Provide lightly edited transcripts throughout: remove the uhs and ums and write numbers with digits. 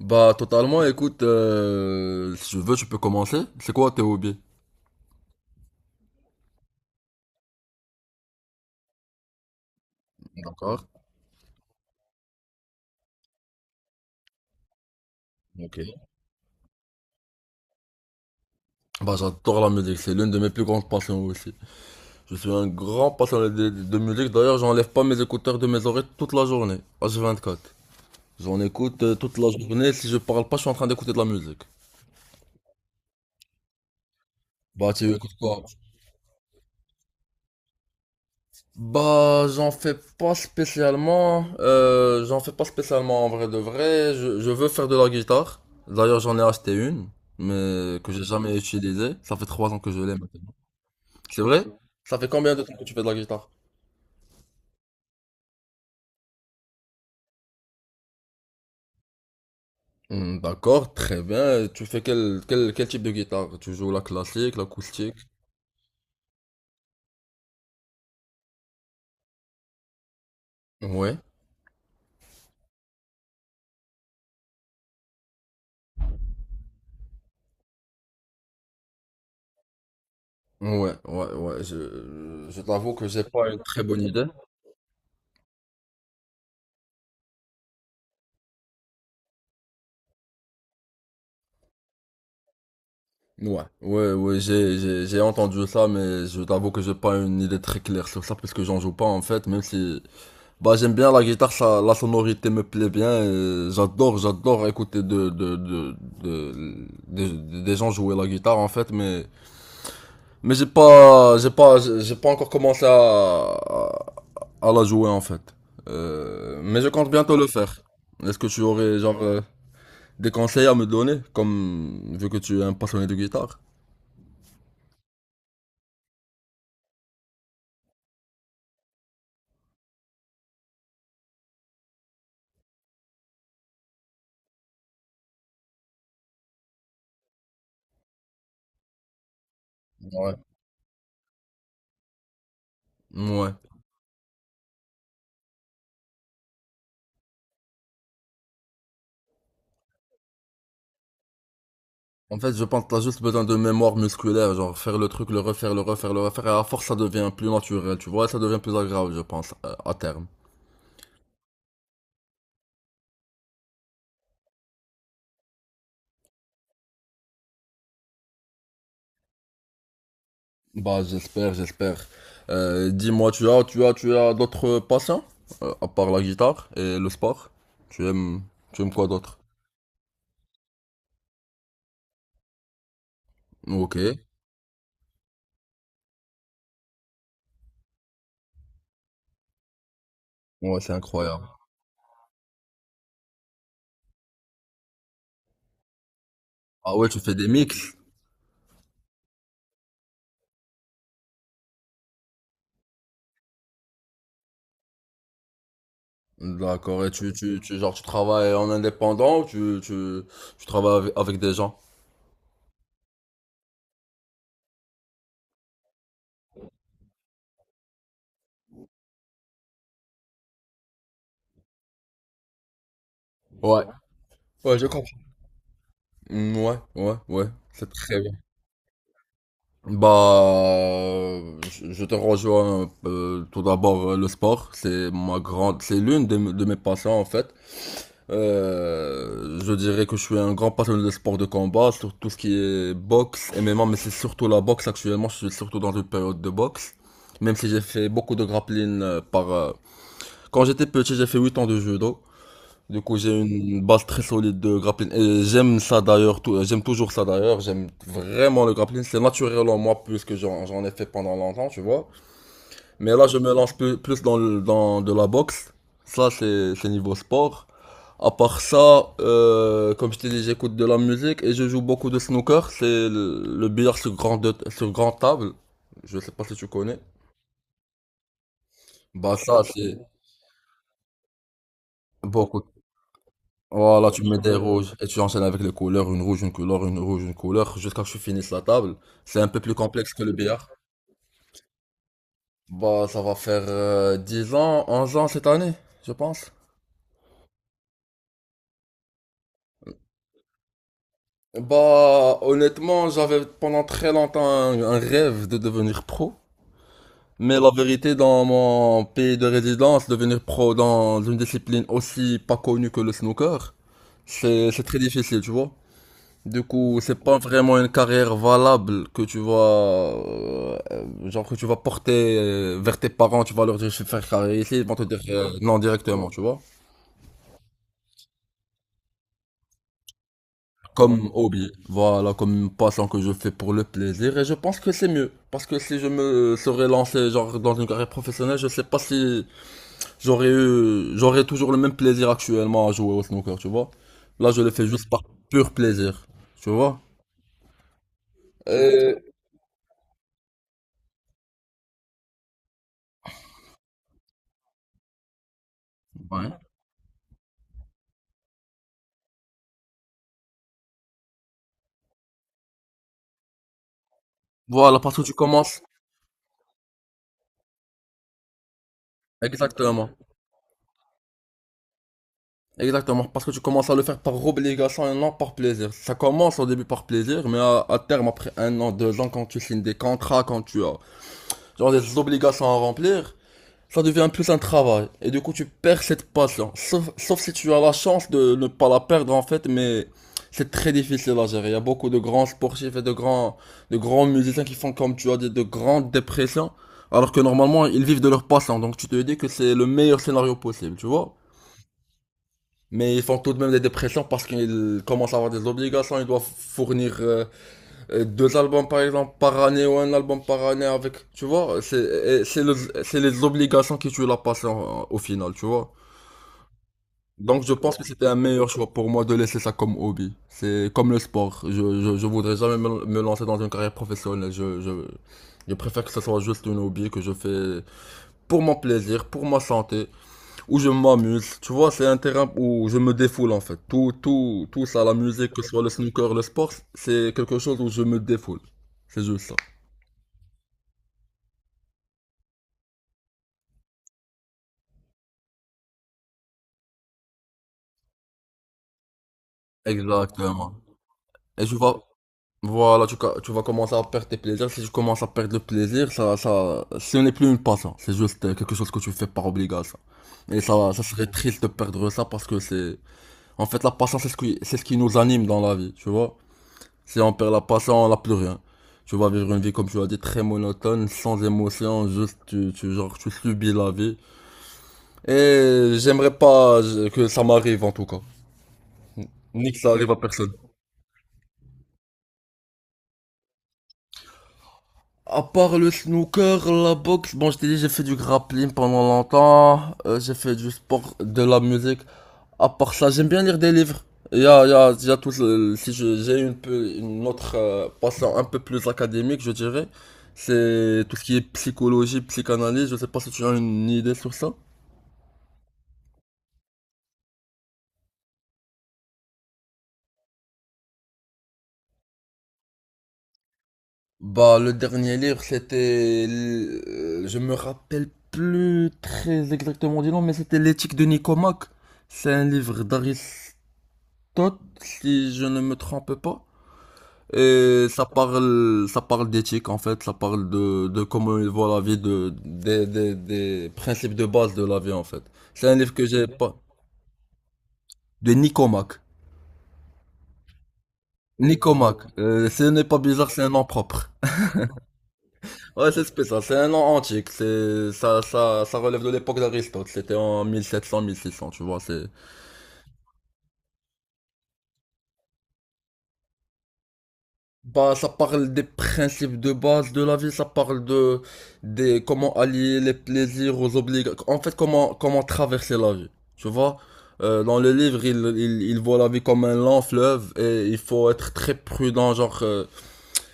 Bah, totalement, écoute, si tu veux, tu peux commencer. C'est quoi tes hobbies? D'accord, ok. Bah, j'adore la musique, c'est l'une de mes plus grandes passions aussi. Je suis un grand passionné de musique, d'ailleurs, j'enlève pas mes écouteurs de mes oreilles toute la journée, h quatre. J'en écoute toute la journée, si je parle pas, je suis en train d'écouter de la musique. Bah, tu écoutes quoi? Bah, j'en fais pas spécialement. J'en fais pas spécialement en vrai de vrai. Je veux faire de la guitare. D'ailleurs, j'en ai acheté une, mais que j'ai jamais utilisée. Ça fait trois ans que je l'ai maintenant. C'est vrai? Ça fait combien de temps que tu fais de la guitare? D'accord, très bien. Tu fais quel type de guitare? Tu joues la classique, l'acoustique? Ouais, ouais, ouais, ouais. Je t'avoue que j'ai pas une très bonne idée. Ouais, ouais, ouais, j'ai entendu ça, mais je t'avoue que j'ai pas une idée très claire sur ça, parce que j'en joue pas, en fait, même si, bah, j'aime bien la guitare, ça, la sonorité me plaît bien, et j'adore écouter des gens jouer la guitare, en fait, mais, mais j'ai pas encore commencé à la jouer, en fait. Mais je compte bientôt le faire. Est-ce que tu aurais, genre, des conseils à me donner, comme, vu que tu es un passionné de guitare? Ouais. Ouais. En fait, je pense que t'as juste besoin de mémoire musculaire, genre faire le truc, le refaire, le refaire, le refaire, et à force ça devient plus naturel, tu vois, ça devient plus agréable, je pense, à terme. Bah, j'espère, j'espère. Dis-moi, tu as d'autres passions, à part la guitare et le sport? Tu aimes, tu aimes quoi d'autre? Ok. Ouais, c'est incroyable. Ah ouais, tu fais des mix. D'accord, et genre, tu travailles en indépendant ou tu travailles avec des gens? Ouais. Ouais, je comprends. Mm, ouais, ouais, ouais, c'est très bien. Bah, je te rejoins un peu. Tout d'abord, le sport, c'est ma grande, c'est l'une de mes passions en fait. Je dirais que je suis un grand passionné de sport de combat, sur tout ce qui est boxe, MMA, mais c'est surtout la boxe actuellement. Je suis surtout dans une période de boxe, même si j'ai fait beaucoup de grappling par. Quand j'étais petit, j'ai fait 8 ans de judo. Du coup, j'ai une base très solide de grappling. Et j'aime ça d'ailleurs, j'aime toujours ça d'ailleurs. J'aime vraiment le grappling. C'est naturel en moi plus que j'en ai fait pendant longtemps, tu vois. Mais là, je me lance plus dans, dans de la boxe. Ça, c'est niveau sport. À part ça, comme je t'ai dit, j'écoute de la musique et je joue beaucoup de snooker. C'est le billard sur grande table. Je sais pas si tu connais. Bah ça, c'est beaucoup. Voilà, tu mets des rouges et tu enchaînes avec les couleurs, une rouge, une couleur, une rouge, une couleur, jusqu'à ce que tu finisses la table. C'est un peu plus complexe que le billard. Bah, ça va faire 10 ans, onze ans cette année, je pense. Bah, honnêtement, j'avais pendant très longtemps un rêve de devenir pro. Mais la vérité, dans mon pays de résidence, devenir pro dans une discipline aussi pas connue que le snooker, c'est très difficile, tu vois. Du coup, c'est pas vraiment une carrière valable que tu vas, genre que tu vas porter vers tes parents, tu vas leur dire je vais faire carrière ici, ils vont te dire non directement, tu vois. Comme hobby, voilà, comme une passion que je fais pour le plaisir, et je pense que c'est mieux. Parce que si je me serais lancé genre dans une carrière professionnelle, je sais pas si j'aurais eu, j'aurais toujours le même plaisir actuellement à jouer au snooker, tu vois. Là, je le fais juste par pur plaisir, tu vois. Euh, Ouais. Voilà, parce que tu commences. Exactement. Exactement, parce que tu commences à le faire par obligation et non par plaisir. Ça commence au début par plaisir, mais à terme, après un an, deux ans, quand tu signes des contrats, quand tu as genre des obligations à remplir, ça devient plus un travail. Et du coup, tu perds cette passion. Sauf si tu as la chance de ne pas la perdre, en fait, mais c'est très difficile à gérer. Il y a beaucoup de grands sportifs et de grands musiciens qui font, comme tu as dit, de grandes dépressions, alors que normalement, ils vivent de leur passion. Donc, tu te dis que c'est le meilleur scénario possible, tu vois? Mais ils font tout de même des dépressions parce qu'ils commencent à avoir des obligations. Ils doivent fournir deux albums par exemple par année ou un album par année avec. Tu vois, c'est c'est les obligations qui tuent la passion au final, tu vois. Donc je pense que c'était un meilleur choix pour moi de laisser ça comme hobby. C'est comme le sport. Je voudrais jamais me lancer dans une carrière professionnelle. Je préfère que ce soit juste une hobby que je fais pour mon plaisir, pour ma santé où je m'amuse. Tu vois, c'est un terrain où je me défoule en fait. Tout ça, la musique, que ce soit le snooker, le sport, c'est quelque chose où je me défoule. C'est juste ça. Exactement. Et tu vas, voilà, tu vas commencer à perdre tes plaisirs. Si tu commences à perdre le plaisir, ce n'est plus une passion. C'est juste quelque chose que tu fais par obligation. Et ça serait triste de perdre ça parce que c'est, en fait, la passion, c'est c'est ce qui nous anime dans la vie, tu vois. Si on perd la passion, on n'a plus rien. Tu vas vivre une vie, comme tu l'as dit, très monotone, sans émotion, juste genre, tu subis la vie. Et j'aimerais pas que ça m'arrive en tout cas. Ni que ça arrive à personne. À part le snooker, la boxe, bon je t'ai dit j'ai fait du grappling pendant longtemps, j'ai fait du sport, de la musique. À part ça, j'aime bien lire des livres. Il y a déjà tout le- si je- j'ai une autre passion un peu plus académique, je dirais. C'est tout ce qui est psychologie, psychanalyse. Je sais pas si tu as une idée sur ça. Bah, le dernier livre, c'était, je me rappelle plus très exactement du nom, mais c'était L'éthique de Nicomaque. C'est un livre d'Aristote, si je ne me trompe pas. Et ça parle d'éthique en fait, ça parle de comment il voit la vie, des principes de base de la vie en fait. C'est un livre que j'ai pas, de Nicomac. Nicomac, ce n'est pas bizarre, c'est un nom propre. Ouais, c'est spécial, c'est un nom antique, ça relève de l'époque d'Aristote, c'était en 1700-1600, tu vois, c'est, bah, ça parle des principes de base de la vie, ça parle de des comment allier les plaisirs aux obligations. En fait, comment traverser la vie. Tu vois, dans le livre, il voit la vie comme un lent fleuve et il faut être très prudent,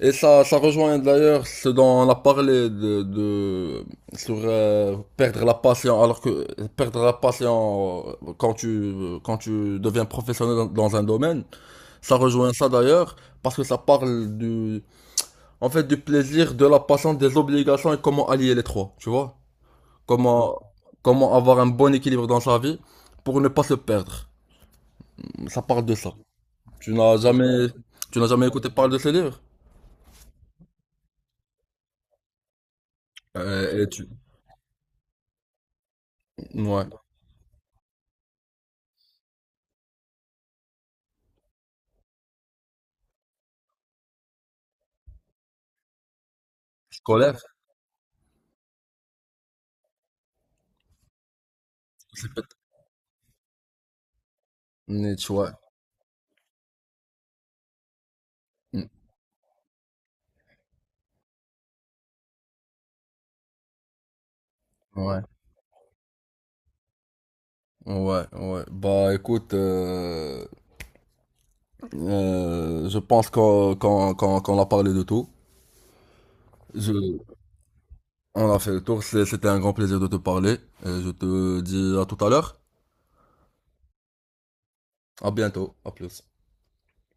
et ça rejoint d'ailleurs ce dont on a parlé de sur perdre la patience, alors que perdre la patience quand tu deviens professionnel dans un domaine, ça rejoint ça d'ailleurs parce que ça parle du en fait, du plaisir, de la passion, des obligations et comment allier les trois, tu vois? Comment, comment avoir un bon équilibre dans sa vie pour ne pas se perdre. Ça parle de ça. Tu n'as jamais, tu n'as jamais écouté parler de ce livre? Euh, et tu, ouais, scolaire, c'est peut-être, Nietzsche, ouais, mm, ouais, ouais, ouais. Bah, écoute, je pense qu'on a parlé de tout. Je, on a fait le tour. C'était un grand plaisir de te parler. Et je te dis à tout à l'heure. À bientôt. À plus.